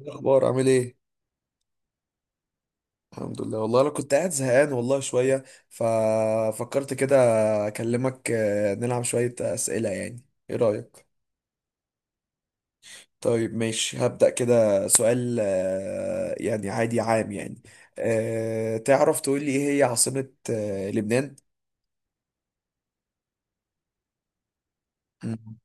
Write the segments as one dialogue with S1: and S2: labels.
S1: إيه الاخبار؟ عامل ايه؟ الحمد لله. والله انا كنت قاعد زهقان والله شويه، ففكرت كده اكلمك، نلعب شويه اسئله، يعني ايه رايك؟ طيب ماشي، هبدا كده سؤال، يعني عادي عام يعني. أه، تعرف تقول لي ايه هي عاصمه لبنان؟ مم.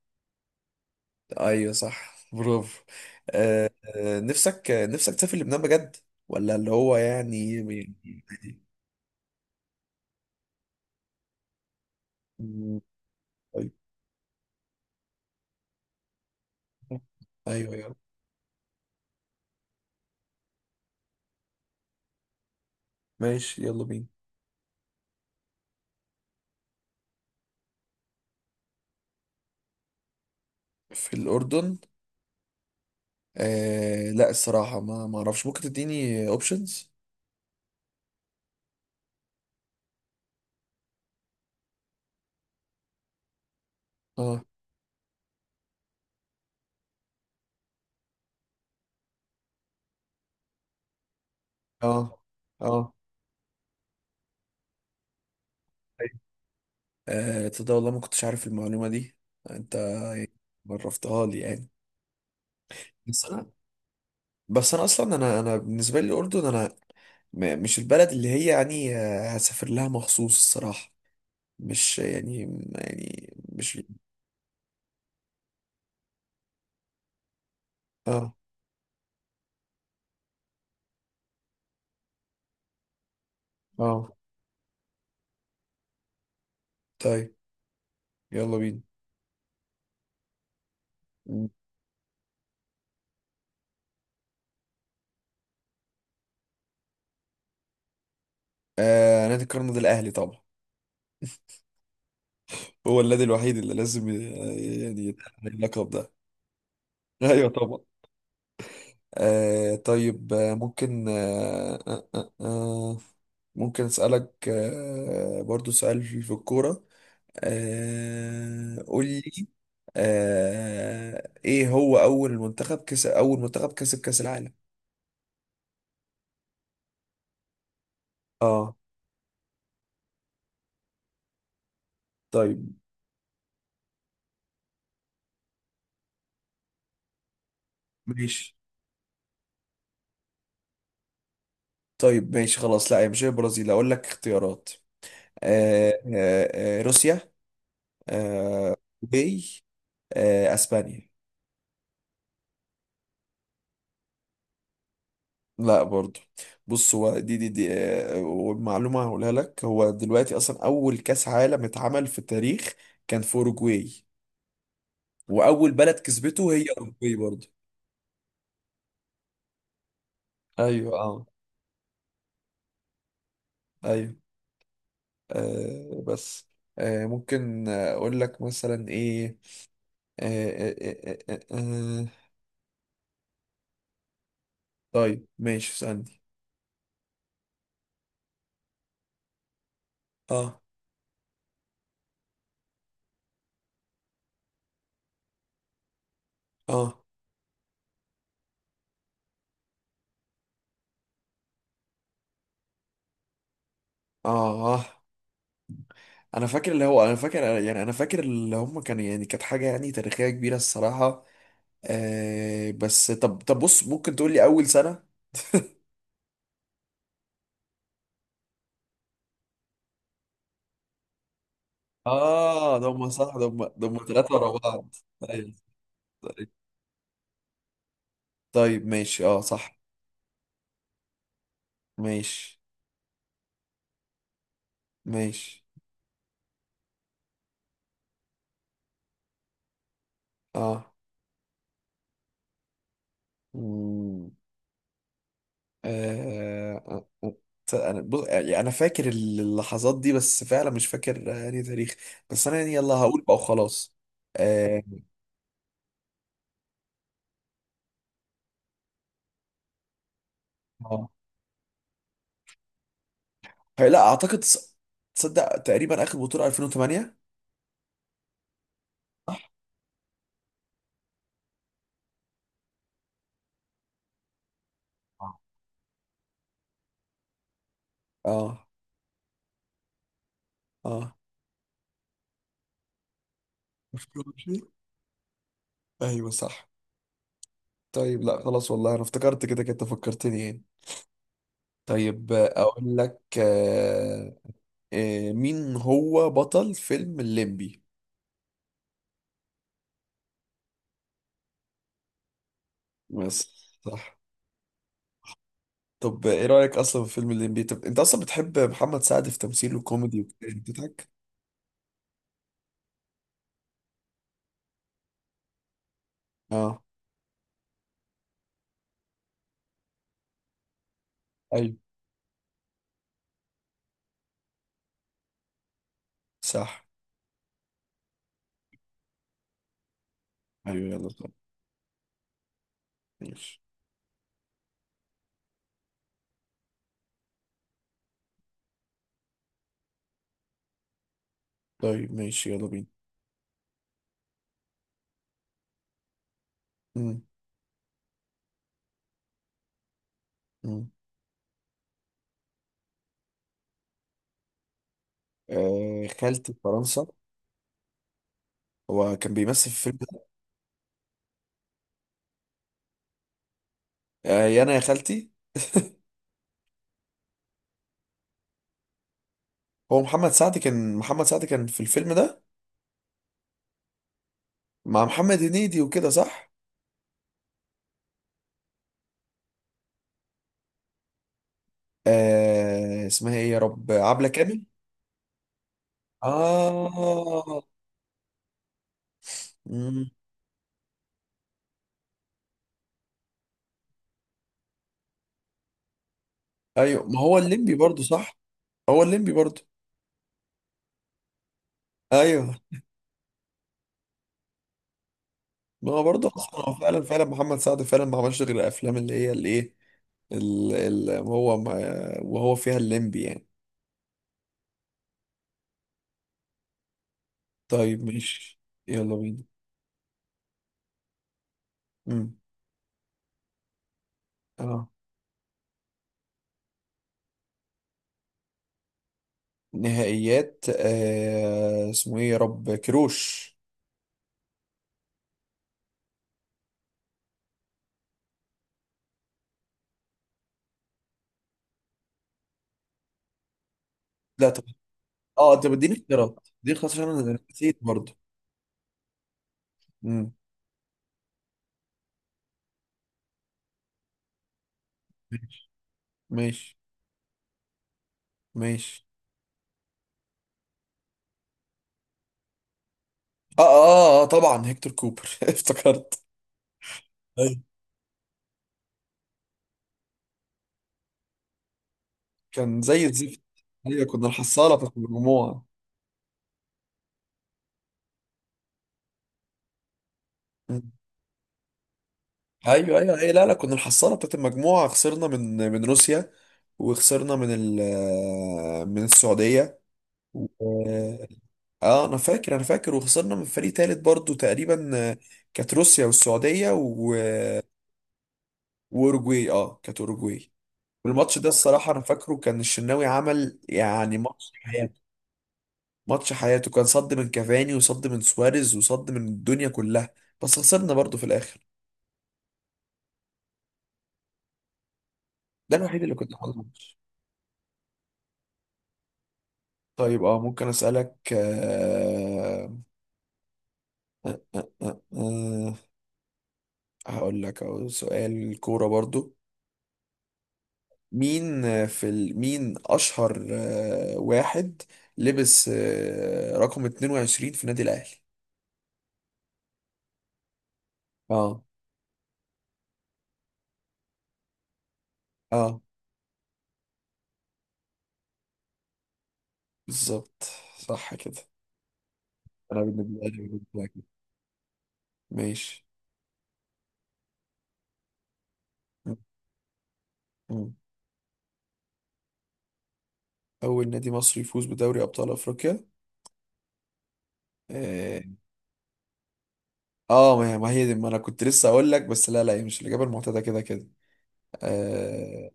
S1: ايوه صح، برافو. أه. نفسك تسافر لبنان بجد؟ ولا اللي هو يعني. مم. طيب. ايوه يلا. ماشي يلا بينا. في الأردن؟ آه لا، الصراحة ما اعرفش، ممكن تديني اوبشنز؟ اه، اه، اه. أيوة. آه، تصدق والله ما كنتش عارف المعلومة دي. انت عرفتها لي يعني. بس انا، بس انا اصلا انا بالنسبة لي الاردن انا، مش البلد اللي هي يعني هسافر لها مخصوص الصراحة. مش يعني، يعني مش. اه، اه. طيب يلا بينا. آه، نادي القرن ده الاهلي طبعا. هو النادي الوحيد اللي لازم يعني يتأهل اللقب ده. ايوه طبعا. آه طيب، آه، ممكن آه آه آه آه، ممكن أسألك برضو سؤال في الكورة. آه، قول لي. آه، إيه هو أول منتخب كسب كأس العالم؟ اه. طيب. ماشي. طيب ماشي خلاص، لا هي مش هي البرازيل، اقول لك اختيارات. روسيا. آه. اوروجواي. آه، اسبانيا. لا برضو. بص، هو دي، والمعلومة هقولها لك، هو دلوقتي أصلا أول كأس عالم اتعمل في التاريخ كان في أوروجواي، وأول بلد كسبته هي أوروجواي برضو. أيوه، أه. أيوه. آه بس. آه، ممكن أقول لك مثلا إيه. آه آه آه آه آه آه. طيب ماشي، اسألني. أه أه أه. آه. أنا فاكر اللي هو، أنا فاكر يعني أنا فاكر اللي هم كانوا، يعني كانت حاجة يعني تاريخية كبيرة الصراحة. آه بس، طب بص، ممكن تقول لي اول سنه؟ اه، ده هم صح، ده هم ده هم ثلاثه ورا بعض. أيوة. طيب. طيب، ماشي، اه صح. ماشي. ماشي. اه. مم. آه، آه، آه. انا بص، يعني انا فاكر اللحظات دي، بس فعلا مش فاكر يعني تاريخ. بس انا يعني، يلا هقول بقى وخلاص. آه. آه. لا اعتقد، تصدق تقريبا اخر بطوله 2008. آه. اه، اه، 2008 ايوه صح. طيب لا خلاص، والله انا افتكرت كده كده فكرتني يعني. طيب، اقول لك، مين هو بطل فيلم الليمبي؟ بس. صح. طب ايه رأيك اصلا في فيلم الليمبي؟ طب انت اصلا بتحب محمد سعد في تمثيله الكوميدي والكلام بتاعك؟ اه. ايوه. صح. ايوه يلا طب. ماشي. طيب ماشي يلا بينا. مم. مم. آه، خالتي في فرنسا. هو كان بيمثل في الفيلم ده؟ آه، يا انا يا خالتي. هو محمد سعد، كان في الفيلم ده مع محمد هنيدي وكده، صح؟ آه، اسمها ايه يا رب، عبلة كامل. اه. مم. ايوه، ما هو الليمبي برضو صح. هو الليمبي برضو. ايوه. ما هو برضو اصلا هو، فعلا محمد سعد فعلا ما عملش غير الافلام اللي هي الايه، هو ما، وهو فيها الليمبي يعني. طيب ماشي. يلا بينا. مم. اه، نهائيات، آه، اسمه ايه يا رب، كروش. لا طب. اه، انت بتديني اختيارات دي خلاص عشان انا نسيت برضو. مم. ماشي. ماشي. اه طبعا، هيكتور كوبر. افتكرت. ايوه. كان زي الزفت. ايوه، كنا الحصاله بتاعت المجموعه. مم. ايوه، ايوه، ايوه، لا لا، كنا الحصاله بتاعت المجموعه، خسرنا من روسيا، وخسرنا من ال، من السعوديه، و... اه، انا فاكر، وخسرنا من فريق تالت برضو تقريبا، كانت روسيا والسعوديه و... واوروجواي، اه كانت اوروجواي. والماتش ده الصراحه انا فاكره، كان الشناوي عمل يعني ماتش، ماتش حياته، كان صد من كافاني، وصد من سواريز، وصد من الدنيا كلها، بس خسرنا برضو في الاخر. ده الوحيد اللي كنت حاضر الماتش. طيب اه، ممكن اسالك، آه آه آه آه، هقول لك أهو سؤال كوره برضو. مين في ال... مين اشهر واحد لبس رقم 22 في نادي الاهلي؟ اه، اه، بالظبط. صح كده. انا بالنسبه لي بالنسبة لي كده. ماشي. م- م. أول نادي مصري يفوز بدوري أبطال أفريقيا؟ آه. ما هي دي، ما أنا كنت لسه أقول لك، بس لا لا، هي مش الإجابة المعتادة كده كده. آه.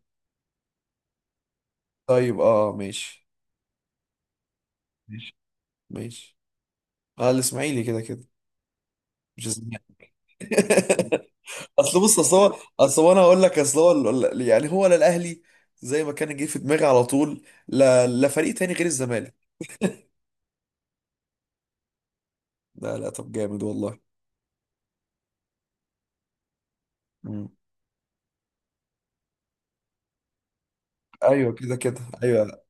S1: طيب آه، ماشي. ماشي. ماشي. آه، الإسماعيلي كده كده. مش الزمالك. أصل بص، أصل هو أصل هو أنا هقول لك، أصل هو يعني هو، لا الأهلي، زي ما كان جه في دماغي على طول، لا لا فريق تاني غير الزمالك. لا لا، طب جامد والله. مم. أيوه كده كده أيوه.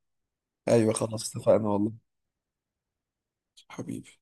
S1: أيوه خلاص، اتفقنا والله. حبيبي.